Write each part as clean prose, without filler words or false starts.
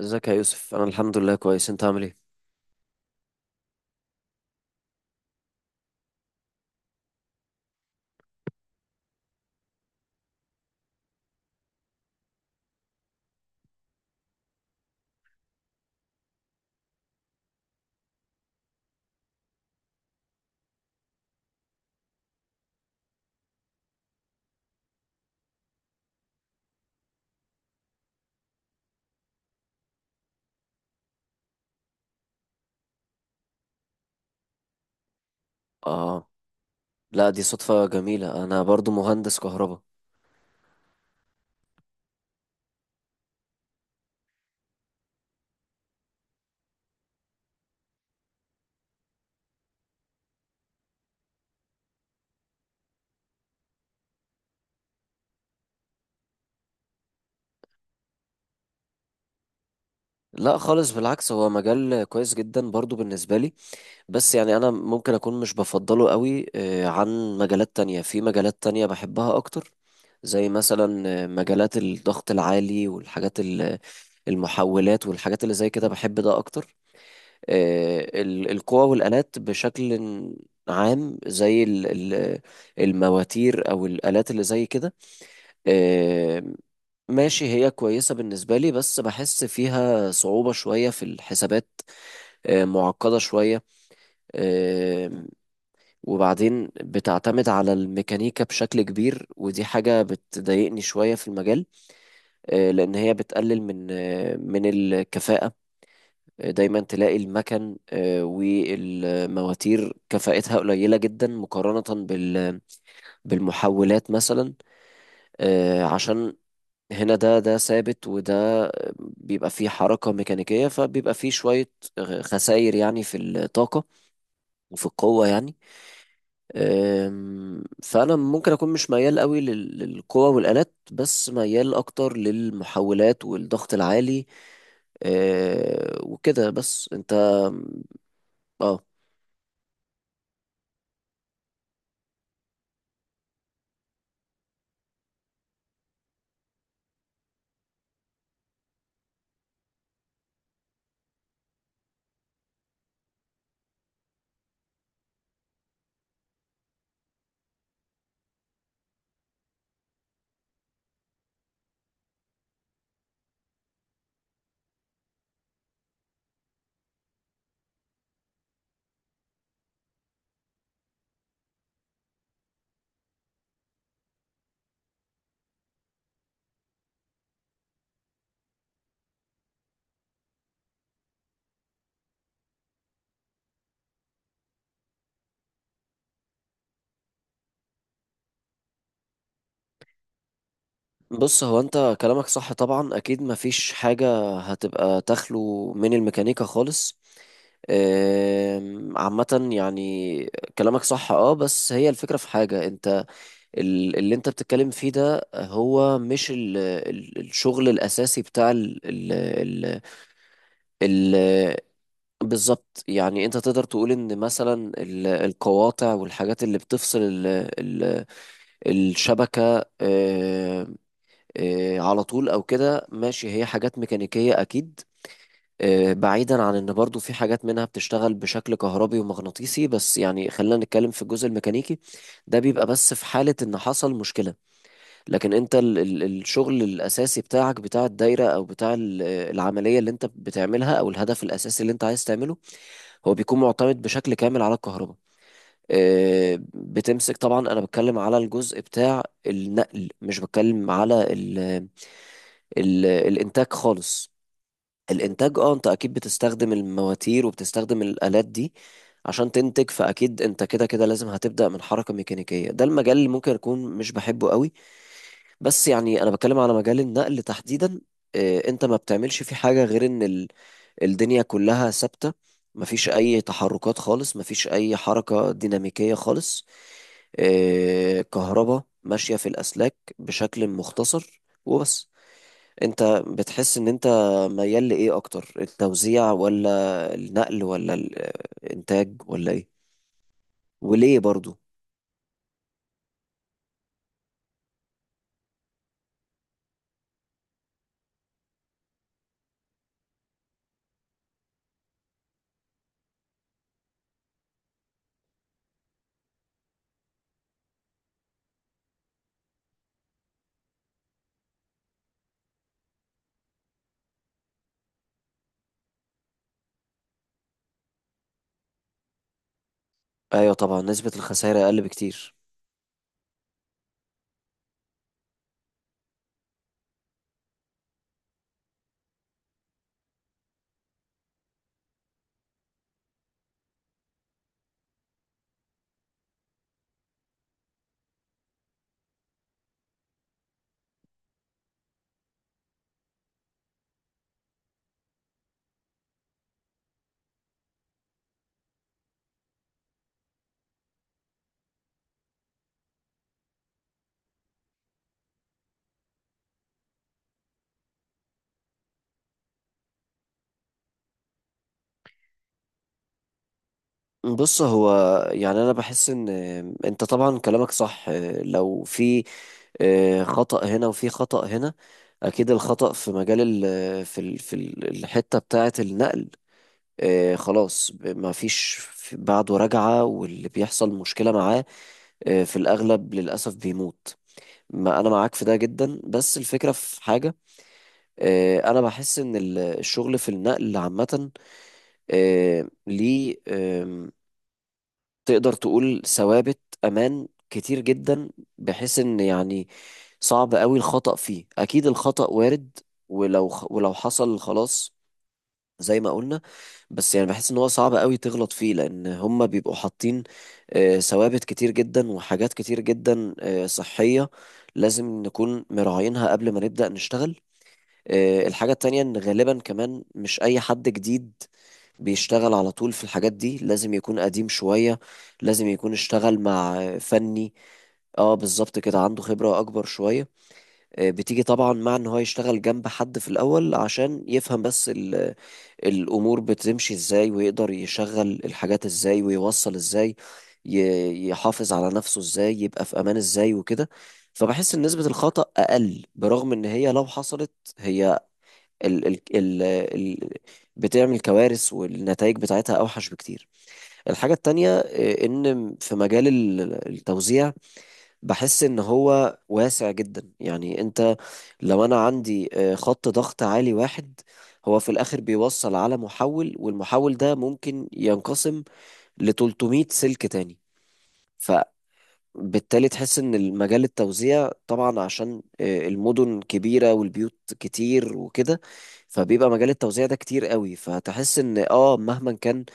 ازيك يا يوسف؟ انا الحمد لله كويس. انت عامل ايه؟ اه، لا دي صدفة جميلة، انا برضو مهندس كهرباء. لا خالص، بالعكس هو مجال كويس جدا برضو بالنسبة لي. بس يعني انا ممكن اكون مش بفضله قوي عن مجالات تانية. في مجالات تانية بحبها اكتر، زي مثلا مجالات الضغط العالي والحاجات المحولات والحاجات اللي زي كده بحب ده اكتر. القوى والآلات بشكل عام، زي ال- المواتير او الآلات اللي زي كده. آه، ماشي هي كويسة بالنسبة لي بس بحس فيها صعوبة شوية في الحسابات، معقدة شوية. آه، وبعدين بتعتمد على الميكانيكا بشكل كبير ودي حاجة بتضايقني شوية في المجال، لأن هي بتقلل من من الكفاءة. دايما تلاقي المكن والمواتير كفاءتها قليلة جدا مقارنة بال بالمحولات مثلا. عشان هنا ده ثابت وده بيبقى فيه حركة ميكانيكية، فبيبقى فيه شوية خسائر يعني في الطاقة وفي القوة يعني. فأنا ممكن أكون مش ميال قوي للقوة والآلات، بس ميال أكتر للمحولات والضغط العالي. وكده. بس أنت اه. بص، هو انت كلامك صح طبعا، اكيد مفيش حاجة هتبقى تخلو من الميكانيكا خالص. عامة يعني كلامك صح. اه بس هي الفكرة في حاجة. انت اللي انت بتتكلم فيه ده هو مش الشغل الاساسي بتاع ال بالظبط. يعني انت تقدر تقول ان مثلا القواطع والحاجات اللي بتفصل ال الشبكة على طول او كده، ماشي هي حاجات ميكانيكية اكيد. بعيدا عن ان برضو في حاجات منها بتشتغل بشكل كهربي ومغناطيسي، بس يعني خلينا نتكلم في الجزء الميكانيكي. ده بيبقى بس في حالة ان حصل مشكلة. لكن انت ال الشغل الاساسي بتاعك بتاع الدايرة او بتاع العملية اللي انت بتعملها او الهدف الاساسي اللي انت عايز تعمله، هو بيكون معتمد بشكل كامل على الكهرباء. بتمسك. طبعا انا بتكلم على الجزء بتاع النقل، مش بتكلم على الانتاج خالص. الانتاج اه انت اكيد بتستخدم المواتير وبتستخدم الالات دي عشان تنتج، فاكيد انت كده كده لازم هتبدا من حركه ميكانيكيه، ده المجال اللي ممكن اكون مش بحبه قوي. بس يعني انا بتكلم على مجال النقل تحديدا. انت ما بتعملش فيه حاجه غير ان الدنيا كلها ثابته، مفيش اي تحركات خالص، مفيش اي حركه ديناميكيه خالص. كهرباء ماشيه في الاسلاك بشكل مختصر وبس. انت بتحس ان انت ميال لايه اكتر، التوزيع ولا النقل ولا الانتاج ولا ايه؟ وليه برضو؟ ايوه طبعا نسبة الخسائر اقل بكتير. بص هو يعني انا بحس ان انت طبعا كلامك صح. لو في خطأ هنا وفي خطأ هنا، اكيد الخطأ في مجال الحتة بتاعة النقل. خلاص ما فيش بعده رجعة، واللي بيحصل مشكلة معاه في الأغلب للأسف بيموت. ما انا معاك في ده جدا. بس الفكره في حاجه، انا بحس ان الشغل في النقل عامه ليه تقدر تقول ثوابت امان كتير جدا، بحيث ان يعني صعب قوي الخطأ فيه. اكيد الخطأ وارد ولو ولو حصل خلاص زي ما قلنا. بس يعني بحس ان هو صعب قوي تغلط فيه، لان هم بيبقوا حاطين ثوابت كتير جدا وحاجات كتير جدا صحيه، لازم نكون مراعينها قبل ما نبدأ نشتغل. الحاجة التانية إن غالبا كمان مش أي حد جديد بيشتغل على طول في الحاجات دي، لازم يكون قديم شوية، لازم يكون اشتغل مع فني. اه بالظبط كده عنده خبرة أكبر شوية. بتيجي طبعا مع إن هو يشتغل جنب حد في الأول عشان يفهم بس الأمور بتمشي إزاي، ويقدر يشغل الحاجات إزاي، ويوصل إزاي، يحافظ على نفسه إزاي، يبقى في أمان إزاي وكده. فبحس إن نسبة الخطأ أقل، برغم إن هي لو حصلت هي ال بتعمل كوارث، والنتائج بتاعتها أوحش بكتير. الحاجة التانية إن في مجال التوزيع بحس إن هو واسع جدا. يعني أنت لو أنا عندي خط ضغط عالي واحد، هو في الآخر بيوصل على محول، والمحول ده ممكن ينقسم ل 300 سلك تاني. ف بالتالي تحس ان المجال التوزيع طبعا عشان المدن كبيرة والبيوت كتير وكده، فبيبقى مجال التوزيع ده كتير قوي. فتحس ان اه مهما كان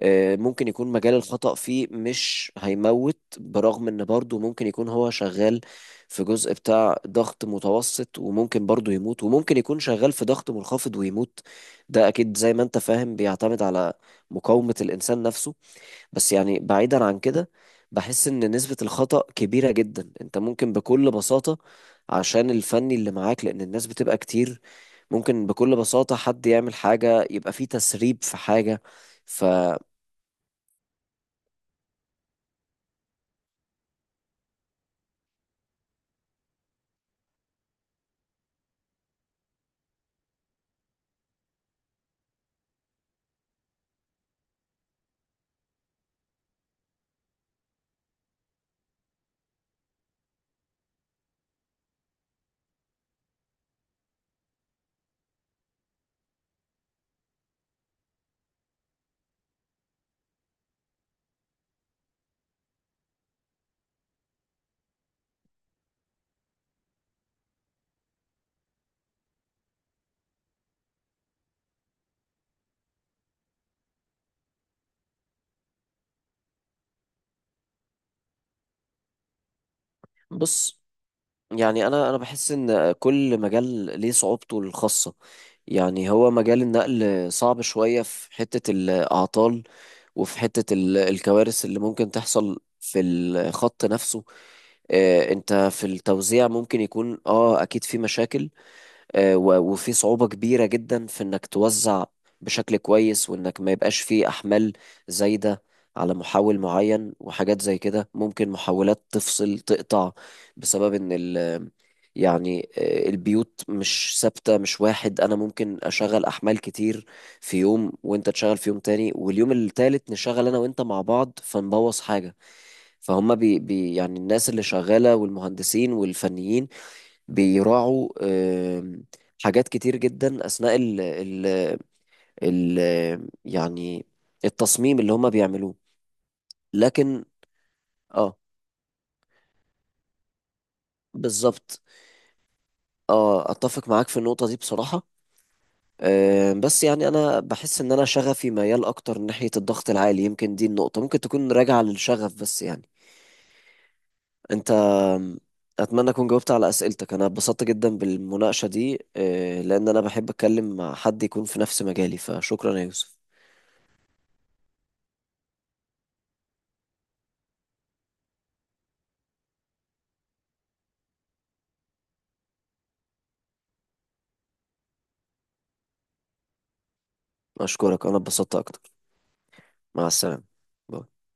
ممكن يكون مجال الخطأ فيه مش هيموت، برغم ان برضه ممكن يكون هو شغال في جزء بتاع ضغط متوسط وممكن برضه يموت، وممكن يكون شغال في ضغط منخفض ويموت. ده اكيد زي ما انت فاهم بيعتمد على مقاومة الانسان نفسه. بس يعني بعيدا عن كده بحس ان نسبة الخطأ كبيرة جدا. انت ممكن بكل بساطة عشان الفني اللي معاك، لان الناس بتبقى كتير، ممكن بكل بساطة حد يعمل حاجة، يبقى فيه تسريب في حاجة. فبص يعني انا بحس ان كل مجال ليه صعوبته الخاصة. يعني هو مجال النقل صعب شوية في حتة الأعطال وفي حتة الكوارث اللي ممكن تحصل في الخط نفسه. انت في التوزيع ممكن يكون اه اكيد في مشاكل. وفي صعوبة كبيرة جدا في انك توزع بشكل كويس، وانك ما يبقاش فيه احمال زايدة على محول معين وحاجات زي كده. ممكن محولات تفصل تقطع بسبب ان ال يعني البيوت مش ثابتة، مش واحد. انا ممكن اشغل احمال كتير في يوم وانت تشغل في يوم تاني، واليوم التالت نشغل انا وانت مع بعض فنبوظ حاجة. فهم بي بي يعني الناس اللي شغالة والمهندسين والفنيين بيراعوا آم، حاجات كتير جدا أثناء ال يعني التصميم اللي هما بيعملوه. لكن اه بالظبط. اه أتفق معاك في النقطة دي بصراحة. بس يعني أنا بحس إن أنا شغفي ميال أكتر ناحية الضغط العالي، يمكن دي النقطة ممكن تكون راجعة للشغف بس يعني. أنت أتمنى أكون جاوبت على أسئلتك. أنا اتبسطت جدا بالمناقشة دي لأن أنا بحب أتكلم مع حد يكون في نفس مجالي. فشكرا يا يوسف. أشكرك، أنا اتبسطت أكتر. مع السلامة.